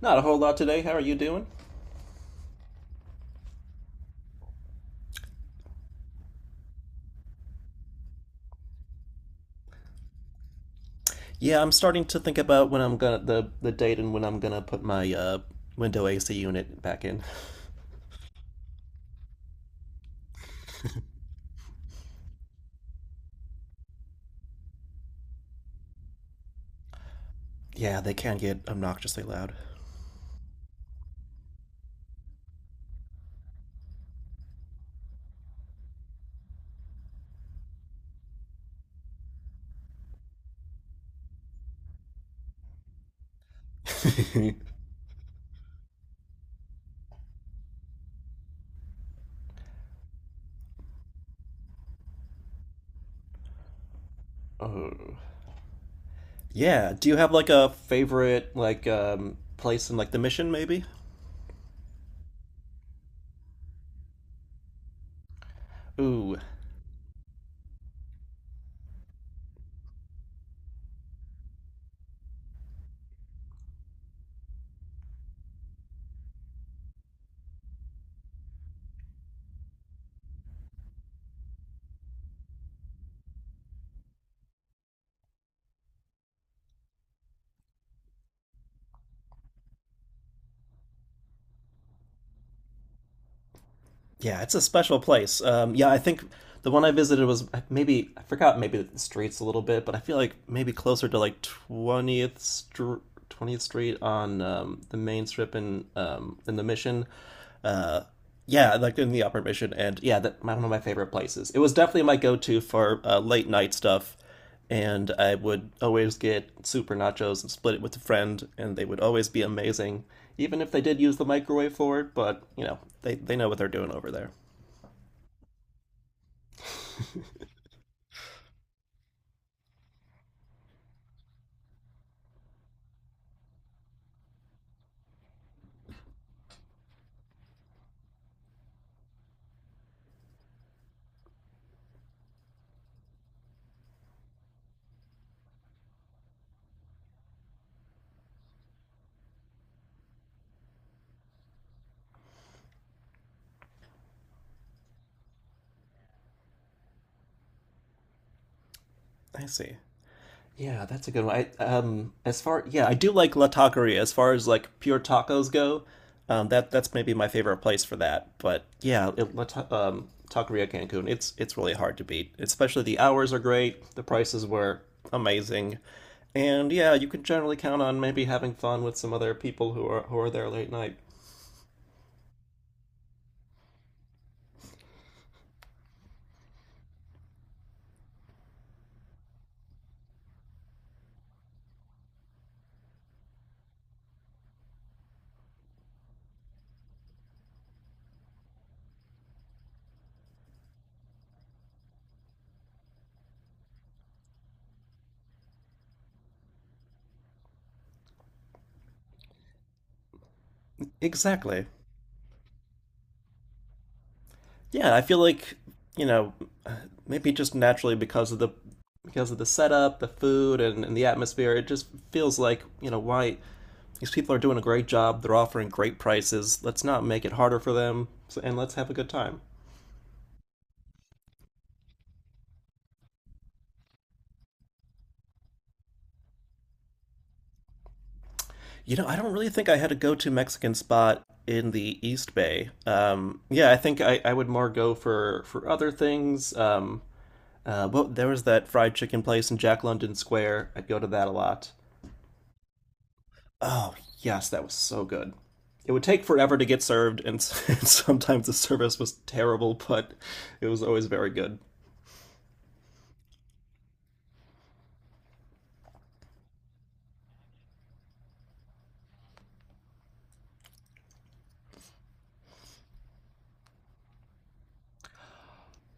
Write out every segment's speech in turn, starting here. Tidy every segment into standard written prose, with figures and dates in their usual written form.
Not a whole lot today. How are you doing? Yeah, I'm starting to think about when I'm gonna the date and when I'm gonna put my window AC unit back in. Yeah, they can get obnoxiously loud. Uh, yeah. Do you have like a favorite like place in like the mission maybe? Ooh. Yeah, it's a special place. Yeah, I think the one I visited was maybe I forgot maybe the streets a little bit, but I feel like maybe closer to like 20th Street, 20th Street on the main strip in the Mission. Uh, yeah, like in the Upper Mission, and yeah, one of my favorite places. It was definitely my go-to for late night stuff, and I would always get super nachos and split it with a friend, and they would always be amazing, even if they did use the microwave for it. But you know, they know what they're doing over there. I see. Yeah, that's a good one. I, as far Yeah, I do like La Taqueria. As far as like pure tacos go, that's maybe my favorite place for that. But yeah, Taqueria Cancun, it's really hard to beat. Especially the hours are great, the prices were amazing, and yeah, you can generally count on maybe having fun with some other people who are there late night. Exactly. Yeah, I feel like, you know, maybe just naturally because of the setup, the food, and the atmosphere, it just feels like, you know, why these people are doing a great job. They're offering great prices. Let's not make it harder for them, and let's have a good time. You know, I don't really think I had a go-to Mexican spot in the East Bay. Yeah, I think I would more go for other things. Well, there was that fried chicken place in Jack London Square. I'd go to that a lot. Oh, yes, that was so good. It would take forever to get served, and, and sometimes the service was terrible, but it was always very good.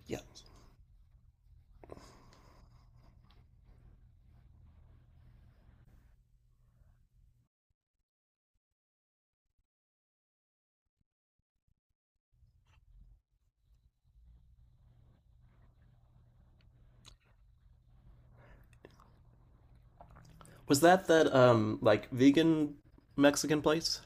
Yeah. Was that that, like, vegan Mexican place?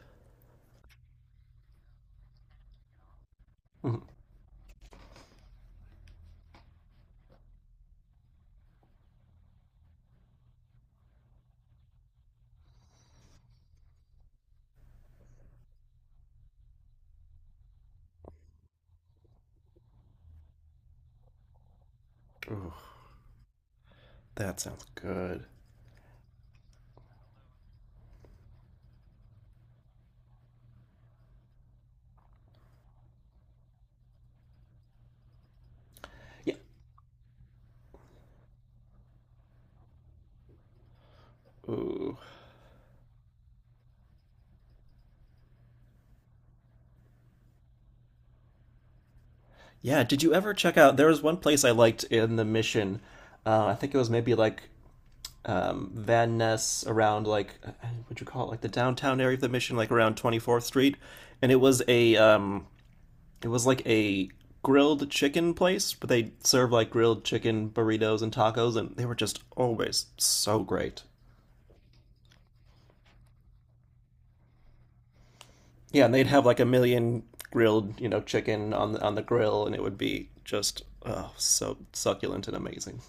Ooh, that sounds good. Yeah. Ooh. Yeah, did you ever check out? There was one place I liked in the Mission. I think it was maybe like Van Ness around like what'd you call it? Like the downtown area of the Mission, like around 24th Street. And it was a It was like a grilled chicken place, but they served like grilled chicken burritos and tacos, and they were just always so great. Yeah, and they'd have like a million grilled, you know, chicken on the grill, and it would be just, oh, so succulent and amazing.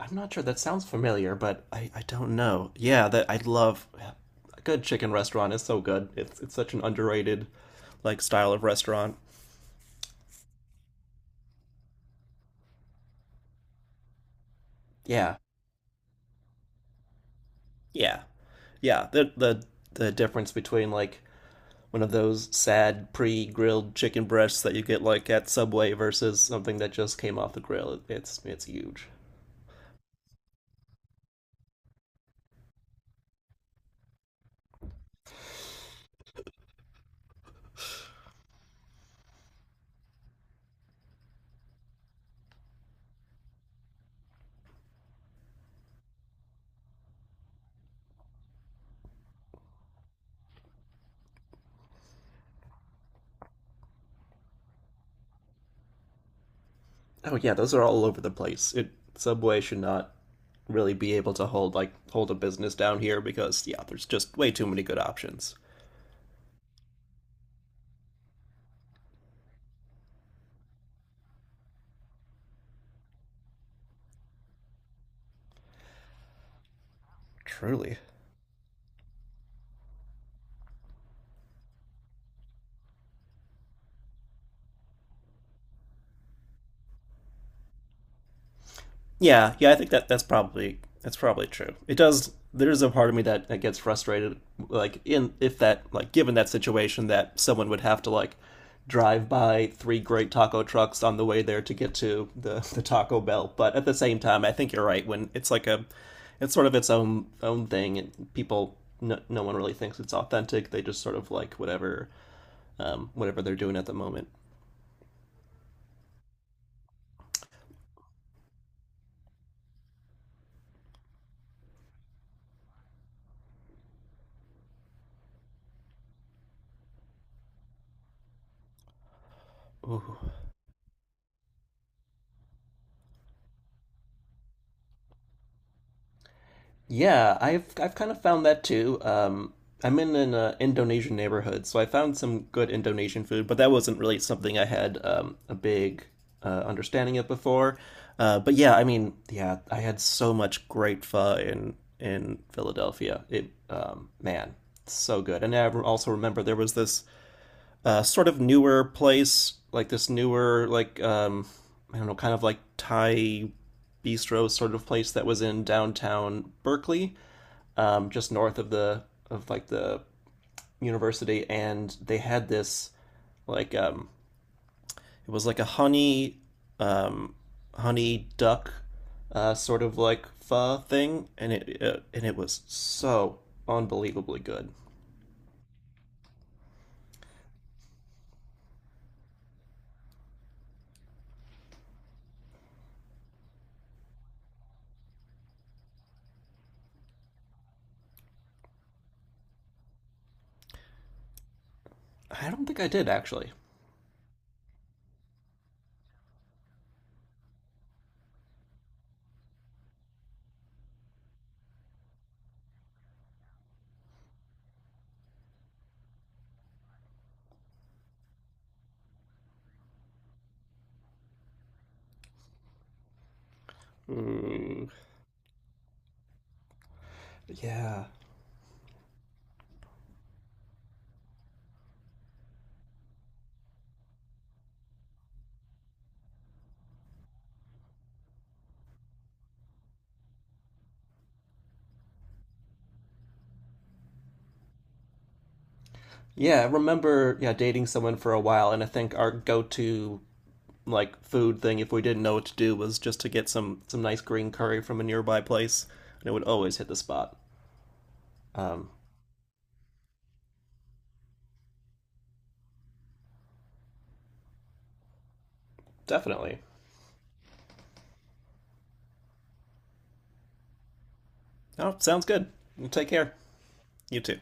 I'm not sure, that sounds familiar, but I don't know. Yeah, that I love. Yeah, a good chicken restaurant is so good. It's such an underrated like style of restaurant. Yeah. Yeah. Yeah, the difference between like one of those sad pre-grilled chicken breasts that you get like at Subway versus something that just came off the grill, it's huge. Oh yeah, those are all over the place. It Subway should not really be able to hold a business down here because yeah, there's just way too many good options. Truly. Yeah, I think that's probably true. It does. There's a part of me that, gets frustrated, like in if that like given that situation, that someone would have to like drive by three great taco trucks on the way there to get to the Taco Bell. But at the same time, I think you're right. When it's like a, it's sort of its own thing, and people, no one really thinks it's authentic. They just sort of like whatever whatever they're doing at the moment. Yeah, I've kind of found that too. I'm in an Indonesian neighborhood, so I found some good Indonesian food, but that wasn't really something I had a big understanding of before. But yeah, I mean, yeah, I had so much great pho in Philadelphia. It, man, it's so good. And also remember there was this sort of newer place, like this newer like I don't know, kind of like Thai bistro sort of place that was in downtown Berkeley just north of the of like the university, and they had this like it was like a honey um, honey duck sort of like pho thing, and it was so unbelievably good. I don't think I did actually. Mm, yeah, yeah. I remember, yeah, dating someone for a while, and I think our go to like food thing if we didn't know what to do was just to get some nice green curry from a nearby place, and it would always hit the spot. Definitely. Oh, sounds good. Well, take care. You too.